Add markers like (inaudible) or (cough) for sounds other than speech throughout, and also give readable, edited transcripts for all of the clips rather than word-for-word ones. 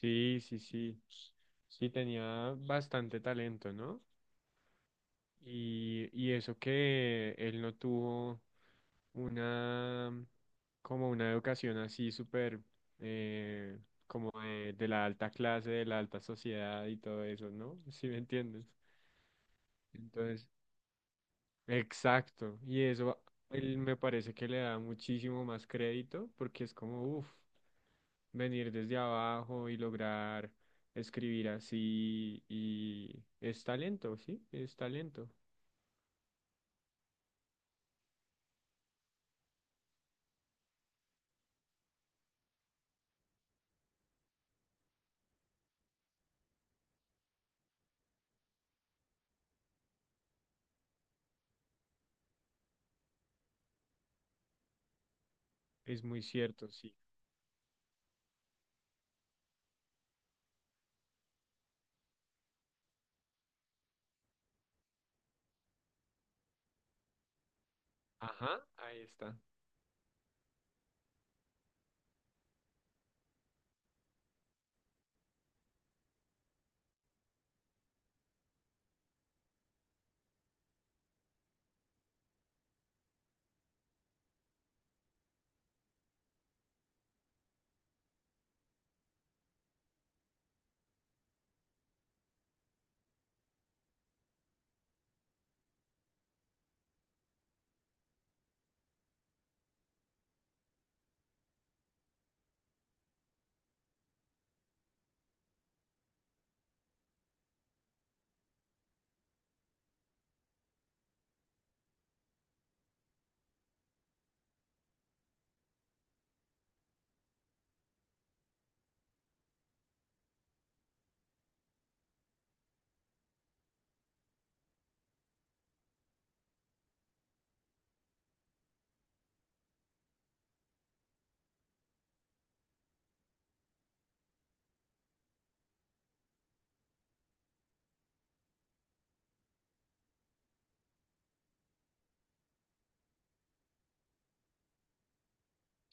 Sí, sí, sí. Sí, tenía bastante talento, ¿no? Y eso que él no tuvo una, como una educación así súper, eh, como de la alta clase, de la alta sociedad y todo eso, ¿no? (laughs) ¿Sí me entiendes? Entonces, exacto. Y eso, él me parece que le da muchísimo más crédito porque es como, uff. Venir desde abajo y lograr escribir así y es talento, ¿sí? Es talento. Es muy cierto, sí. Ajá, ahí está.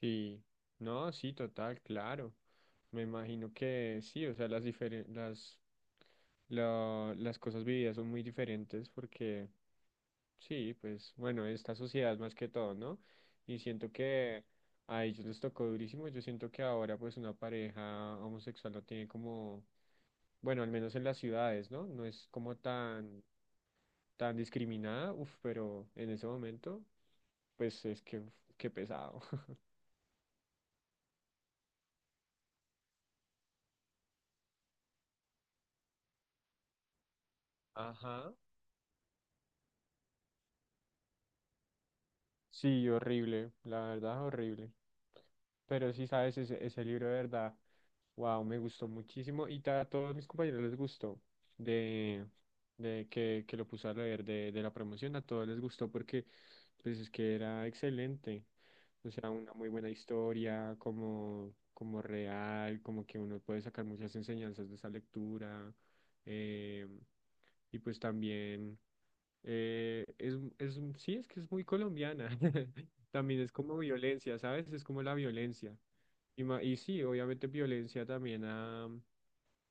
Sí, no, sí, total, claro. Me imagino que sí, o sea, las cosas vividas son muy diferentes porque sí, pues bueno, esta sociedad más que todo, ¿no? Y siento que a ellos les tocó durísimo. Yo siento que ahora pues una pareja homosexual no tiene como. Bueno, al menos en las ciudades, ¿no? No es como tan, discriminada, uf, pero en ese momento, pues es que, uf, qué pesado. (laughs) Ajá. Sí, horrible, la verdad, horrible. Pero sí, sabes, ese libro de verdad, wow, me gustó muchísimo y a todos mis compañeros les gustó, de, de que lo puse a leer de, la promoción, a todos les gustó porque pues es que era excelente, o sea, una muy buena historia, como real, como que uno puede sacar muchas enseñanzas de esa lectura, eh, y pues también. Es, sí, es que es muy colombiana. (laughs) También es como violencia, ¿sabes? Es como la violencia. Y sí, obviamente violencia también a,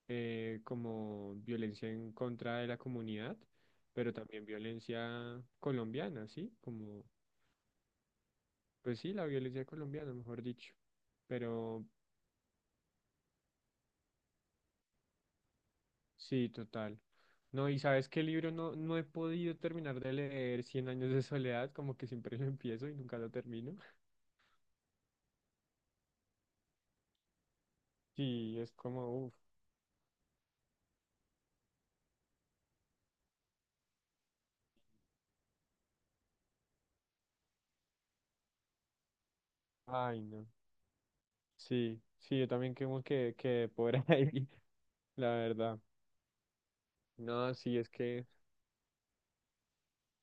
eh, como violencia en contra de la comunidad, pero también violencia colombiana, ¿sí? Como, pues sí, la violencia colombiana, mejor dicho. Pero sí, total. No, y sabes qué libro no, he podido terminar de leer, Cien años de soledad, como que siempre lo empiezo y nunca lo termino. (laughs) Sí, es como, uff. Ay, no. Sí, sí, yo también como que, por ahí, (laughs) la verdad. No, sí, es que,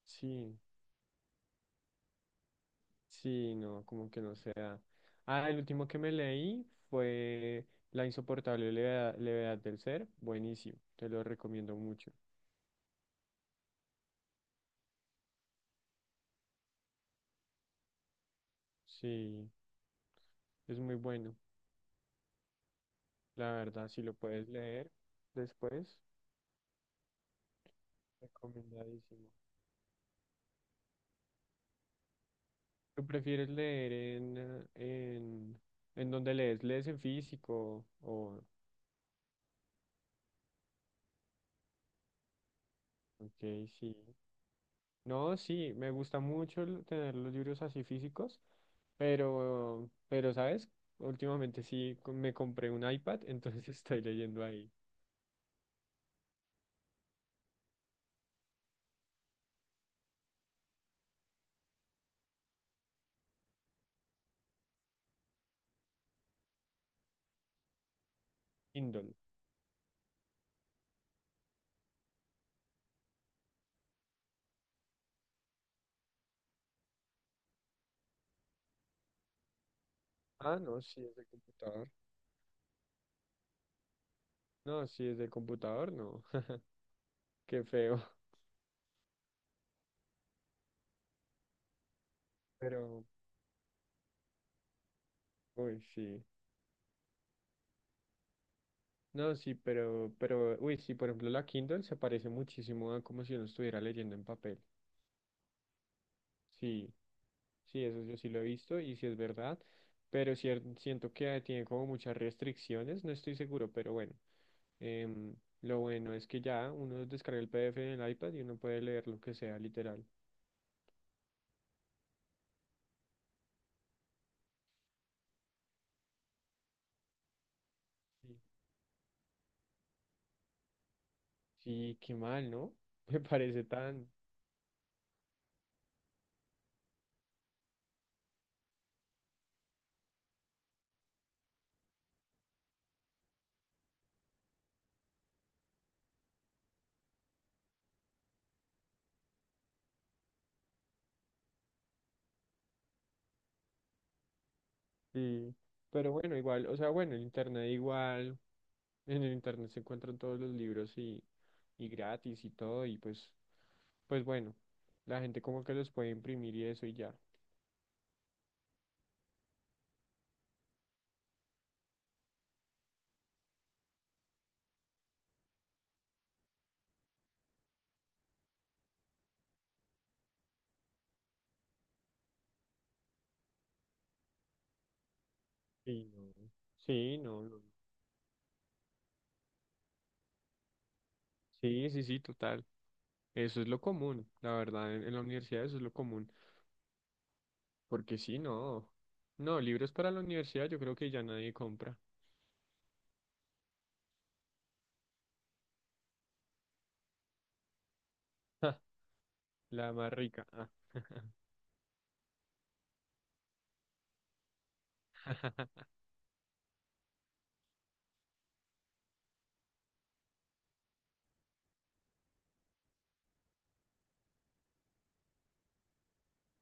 sí, sí, no, como que no sea. Ah, el último que me leí fue La insoportable levedad del ser. Buenísimo, te lo recomiendo mucho. Sí, es muy bueno, la verdad, si lo puedes leer después, recomendadísimo. ¿Tú prefieres leer en, eh, en, en, dónde lees? ¿Lees en físico o? Ok, sí. No, sí, me gusta mucho tener los libros así físicos, pero, ¿sabes? Últimamente sí me compré un iPad, entonces (laughs) estoy leyendo ahí. Kindle. Ah, no, sí, es del computador. No, sí, es del computador, no. (laughs) Qué feo. Pero, uy, sí. No, sí, pero, uy, sí, por ejemplo, la Kindle se parece muchísimo a como si uno estuviera leyendo en papel. Sí, sí, eso yo sí lo he visto y sí es verdad, pero siento que tiene como muchas restricciones, no estoy seguro, pero bueno. Em, lo bueno es que ya uno descarga el PDF en el iPad y uno puede leer lo que sea, literal. Sí. Sí, qué mal, ¿no? (laughs) Me parece tan. Sí, pero bueno, igual, o sea, bueno, el internet igual, en el internet se encuentran todos los libros y, gratis y todo, y pues bueno, la gente como que los puede imprimir y eso y ya. Sí, no. Sí, no, no. Sí, sí, sí, total. Eso es lo común, la verdad, en la universidad eso es lo común. Porque sí, no. No, libros para la universidad yo creo que ya nadie compra. La más rica. Ah,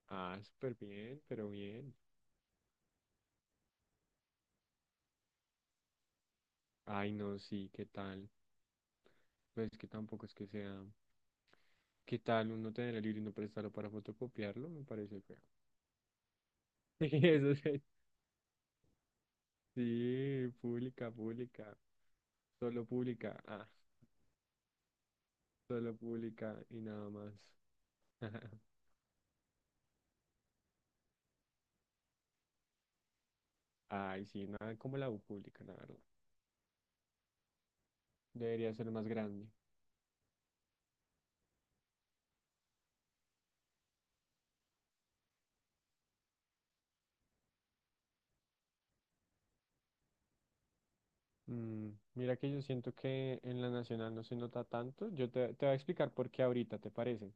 ah, súper bien, pero bien. Ay, no, sí, ¿qué tal? Pues que tampoco es que sea. ¿Qué tal uno tener el libro y no prestarlo para fotocopiarlo? Me parece feo. (laughs) Sí, eso sí. Sí, pública, pública. Solo pública. Ah, solo pública y nada más. (laughs) Ay, sí, nada como la U pública, la verdad. Debería ser más grande. Mm, Mira que yo siento que en la nacional no se nota tanto. Yo te, voy a explicar por qué ahorita, ¿te parece?